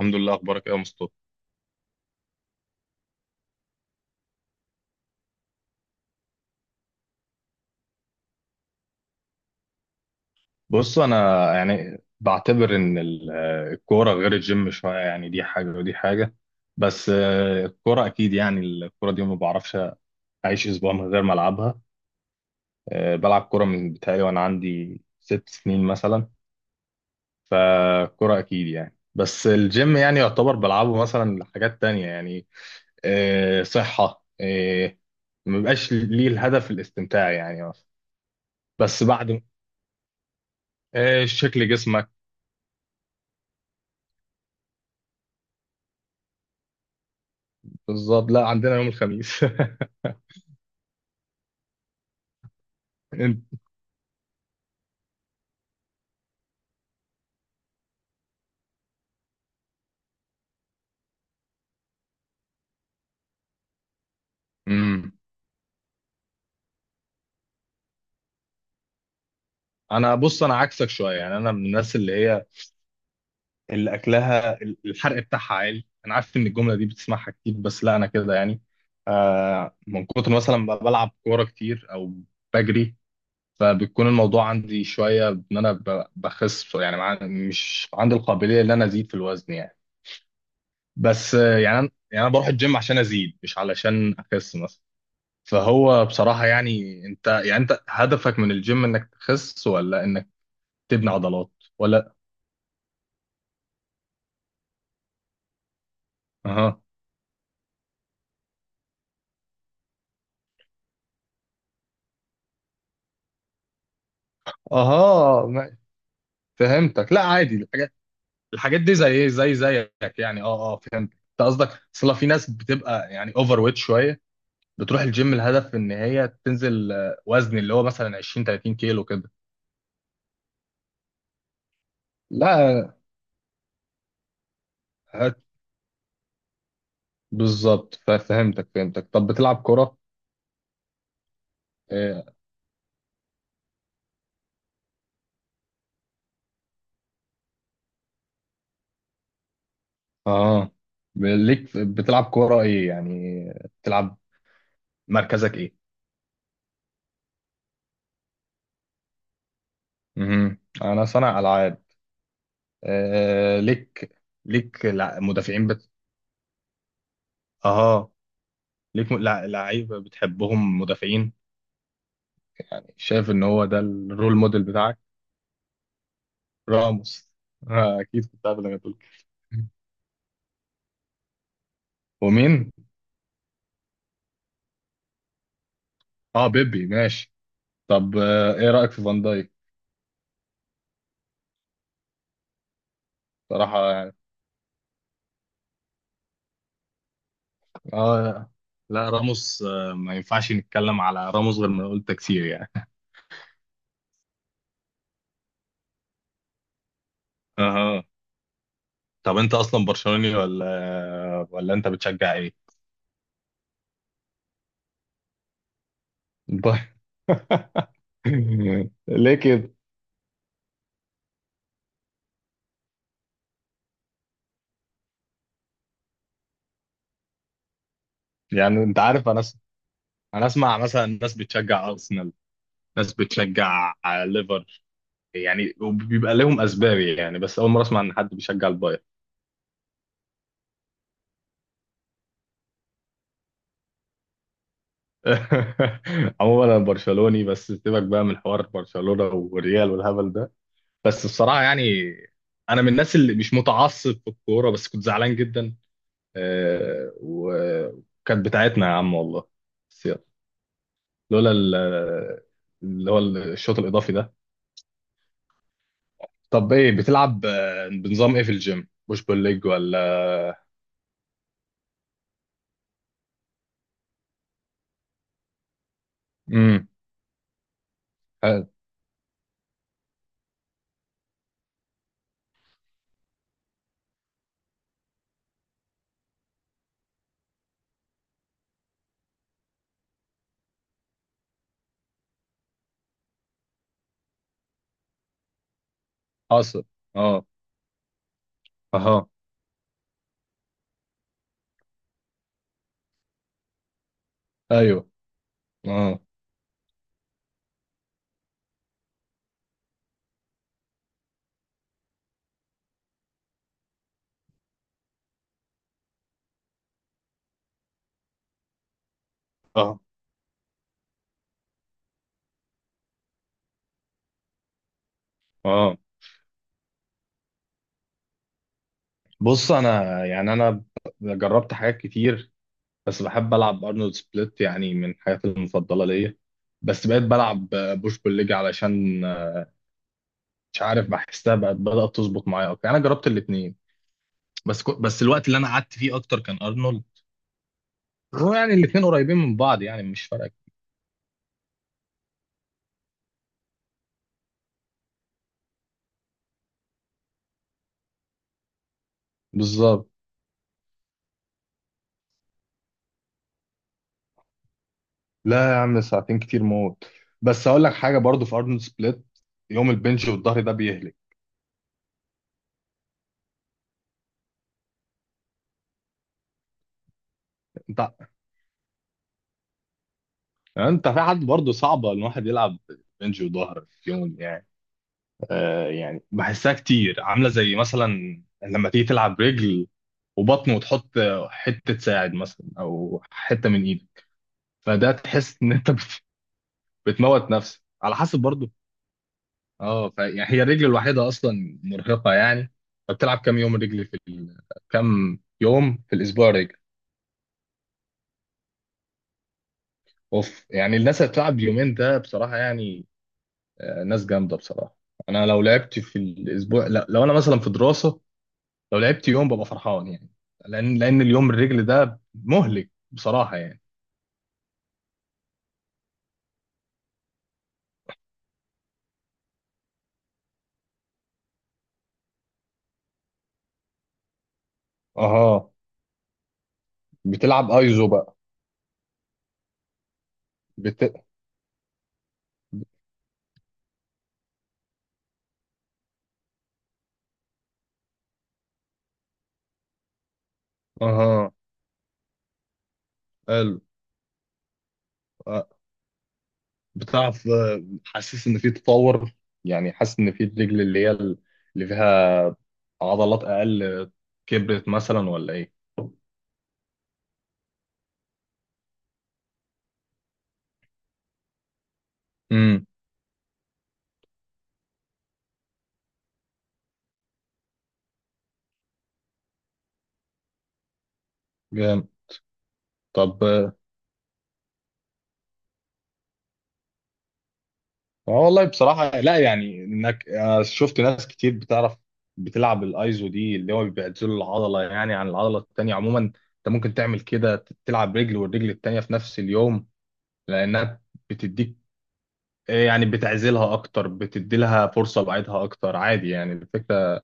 الحمد لله. اخبارك ايه يا مصطفى؟ بص انا يعني بعتبر ان الكوره غير الجيم شويه، يعني دي حاجه ودي حاجه. بس الكوره اكيد يعني، الكوره دي ما بعرفش اعيش اسبوع من غير ما العبها. بلعب كوره من بتهيألي وانا عندي 6 سنين مثلا. فالكوره اكيد يعني. بس الجيم يعني يعتبر بلعبه مثلا لحاجات تانية يعني صحه، ما بيبقاش ليه الهدف الاستمتاع يعني مثلا. بس بعد شكل جسمك. بالظبط، لا عندنا يوم الخميس. انت. امم انا، بص انا عكسك شويه يعني، انا من الناس اللي هي اللي اكلها الحرق بتاعها عالي. انا عارف ان الجمله دي بتسمعها كتير، بس لا انا كده يعني، آه، من كتر مثلا ما بلعب كوره كتير او بجري. فبتكون الموضوع عندي شويه ان انا بخس يعني، مش عندي القابليه ان انا ازيد في الوزن يعني. بس يعني انا بروح الجيم عشان ازيد مش علشان اخس مثلا. فهو بصراحة يعني، انت يعني انت هدفك من الجيم انك تخس ولا انك تبني عضلات ولا؟ اها. اها. فهمتك. لا عادي الحاجات، دي زي ايه، زي زيك يعني. اه اه فهمت انت قصدك. اصل في ناس بتبقى يعني اوفر ويت شوية، بتروح الجيم الهدف ان هي تنزل وزن اللي هو مثلا 20 30 كيلو كده. لا هت- بالظبط. ففهمتك فهمتك. طب بتلعب كرة؟ اه آه. ليك بتلعب كرة ايه يعني؟ بتلعب، مركزك ايه؟ مهم. انا صانع العاب. آه ليك. ليك مدافعين اه ليك لعيبه بتحبهم مدافعين؟ شايف ان هو ده الرول موديل بتاعك راموس؟ آه اكيد كنت عارف انك هتقول كده. ومين؟ اه بيبي ماشي. طب آه ايه رايك في فان دايك؟ صراحه يعني. اه لا راموس آه، ما ينفعش نتكلم على راموس غير ما قلت كتير يعني. اها. طب انت اصلا برشلوني ولا انت بتشجع ايه؟ ليه كده؟ يعني انت عارف، انا اسمع مثلا ناس بتشجع ارسنال، ناس بتشجع ليفر يعني، وبيبقى لهم اسباب يعني. بس اول مره اسمع ان حد بيشجع البايرن. عموما انا برشلوني، بس سيبك بقى من حوار برشلونه والريال والهبل ده. بس بصراحه يعني انا من الناس اللي مش متعصب في الكوره، بس كنت زعلان جدا، وكانت بتاعتنا يا عم والله. بس يلا. لولا اللي هو الشوط الاضافي ده. طب ايه بتلعب بنظام ايه في الجيم، بوش بول ليج ولا؟ امم. حلو. حاصل. اه. اها. ايوه. اه. اه. اه بص انا يعني جربت حاجات كتير. بس بحب العب ارنولد سبليت يعني من الحاجات المفضله ليا. بس بقيت بلعب بوش بول ليج علشان مش عارف بحسها بقت بدات تظبط معايا اكتر يعني. انا جربت الاثنين بس بس الوقت اللي انا قعدت فيه اكتر كان ارنولد. هو يعني الاثنين قريبين من بعض يعني مش فارقه. بالظبط. لا يا عم ساعتين كتير موت. بس اقول لك حاجه برضو في ارنولد سبليت، يوم البنج والظهر ده بيهلك. انت انت في حد برضو صعبه الواحد يلعب بنج وظهر في يوم يعني. آه يعني بحسها كتير عامله زي مثلا لما تيجي تلعب رجل وبطن وتحط حته ساعد مثلا او حته من ايدك. فده تحس ان انت بتموت نفسك على حسب برضو. اه يعني هي الرجل الوحيده اصلا مرهقه يعني. فبتلعب كام يوم رجل في كام يوم في الاسبوع رجل؟ اوف يعني الناس اللي بتلعب يومين ده بصراحه يعني، ناس جامده بصراحه. انا لو لعبت في الاسبوع، لا لو انا مثلا في دراسه لو لعبت يوم ببقى فرحان يعني. لان اليوم الرجل ده مهلك بصراحه يعني. اها. بتلعب ايزو بقى؟ بت... اها حلو. آه، بتعرف حاسس ان في تطور يعني، حاسس ان في الرجل اللي هي اللي فيها عضلات اقل كبرت مثلا ولا ايه؟ امم. جامد. طب اه والله بصراحة، لا يعني انك شفت ناس كتير بتعرف بتلعب الايزو دي اللي هو بيعزل العضلة يعني عن العضلة التانية. عموما انت ممكن تعمل كده تلعب رجل والرجل التانية في نفس اليوم لانها بتديك يعني بتعزلها اكتر، بتدي لها فرصة بعيدها اكتر عادي يعني. الفكرة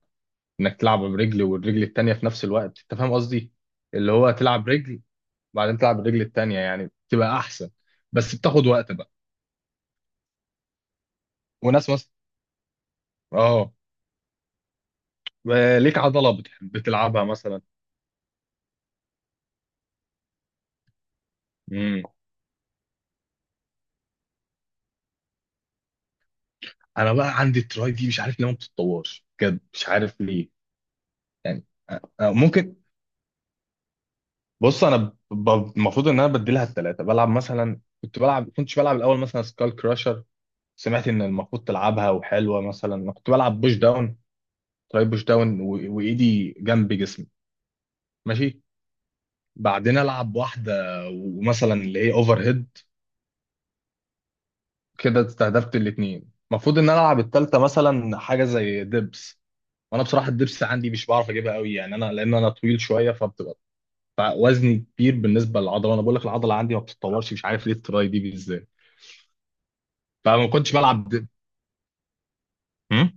انك تلعب برجل والرجل التانية في نفس الوقت، انت فاهم قصدي؟ اللي هو تلعب رجل وبعدين تلعب الرجل التانية يعني بتبقى احسن، بس بتاخد وقت بقى. وناس مثلا، اه ليك عضلة بتلعبها مثلا. مم. انا بقى عندي التراي دي مش عارف ليه ما بتتطورش بجد مش عارف ليه يعني. ممكن. بص انا المفروض ان انا بديلها الثلاثه، بلعب مثلا كنتش بلعب الاول مثلا سكال كراشر. سمعت ان المفروض تلعبها وحلوه. مثلا أنا كنت بلعب بوش داون، تراي بوش داون وايدي جنب جسمي ماشي. بعدين العب واحده ومثلا اللي هي اوفر هيد كده، استهدفت الاثنين. المفروض ان انا العب الثالثه مثلا حاجه زي دبس. وانا بصراحه الدبس عندي مش بعرف اجيبها قوي يعني، انا لان انا طويل شويه فبتبقى وزني كبير بالنسبه للعضله. انا بقول لك العضله عندي ما بتتطورش مش عارف ليه التراي دي بالذات. فما كنتش بلعب هم؟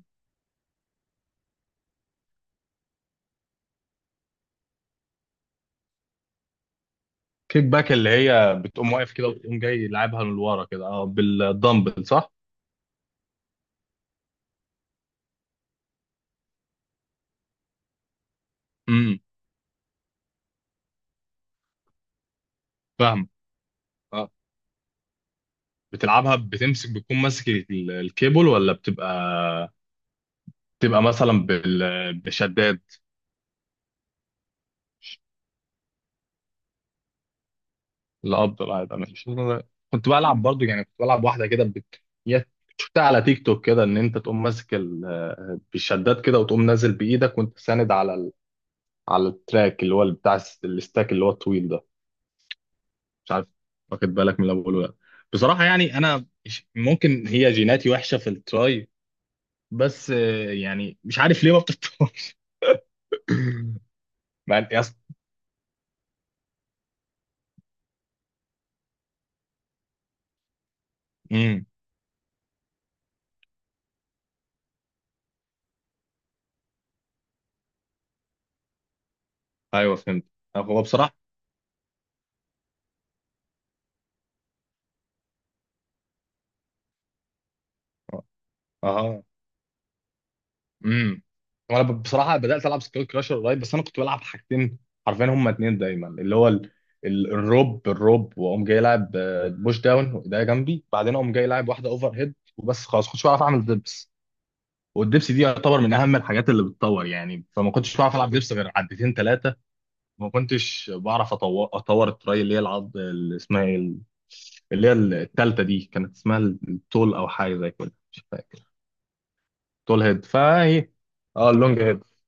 كيك باك اللي هي بتقوم واقف كده وتقوم جاي لعبها من ورا كده اه بالدمبل صح؟ امم. فاهم. اه. بتلعبها، بتمسك بتكون ماسك الكيبل ولا بتبقى، بتبقى مثلا بشداد؟ الاب الابيض انا مش كنت بلعب برضو يعني كنت بلعب واحده كده هي شفتها على تيك توك كده ان انت تقوم ماسك بالشدات كده وتقوم نازل بايدك وانت ساند على على التراك اللي هو بتاع الستاك اللي هو الطويل ده. مش عارف واخد بالك من اللي بقوله ده؟ بصراحه يعني انا ممكن هي جيناتي وحشه في التراي. بس يعني مش عارف ليه ما بتطورش. مع إن- يا اسطى- امم. ايوه فهمت. هو بصراحه، اه. امم. وانا بصراحه بدات العب سكيل كراشر قريب. بس انا كنت بلعب حاجتين حرفيا، هما اتنين دايما، اللي هو الروب، واقوم جاي لاعب بوش داون وايديا جنبي. بعدين اقوم جاي لاعب واحده اوفر هيد وبس خلاص، كنتش بعرف اعمل دبس. والدبس دي يعتبر من اهم الحاجات اللي بتطور يعني، فما كنتش بعرف العب دبس غير عدتين ثلاثه. وما كنتش بعرف اطور التراي اللي هي العض اللي اسمها ايه اللي هي الثالثه دي كانت اسمها التول او حاجه زي كده مش فاكر. تول هيد فهي. اه اللونج هيد.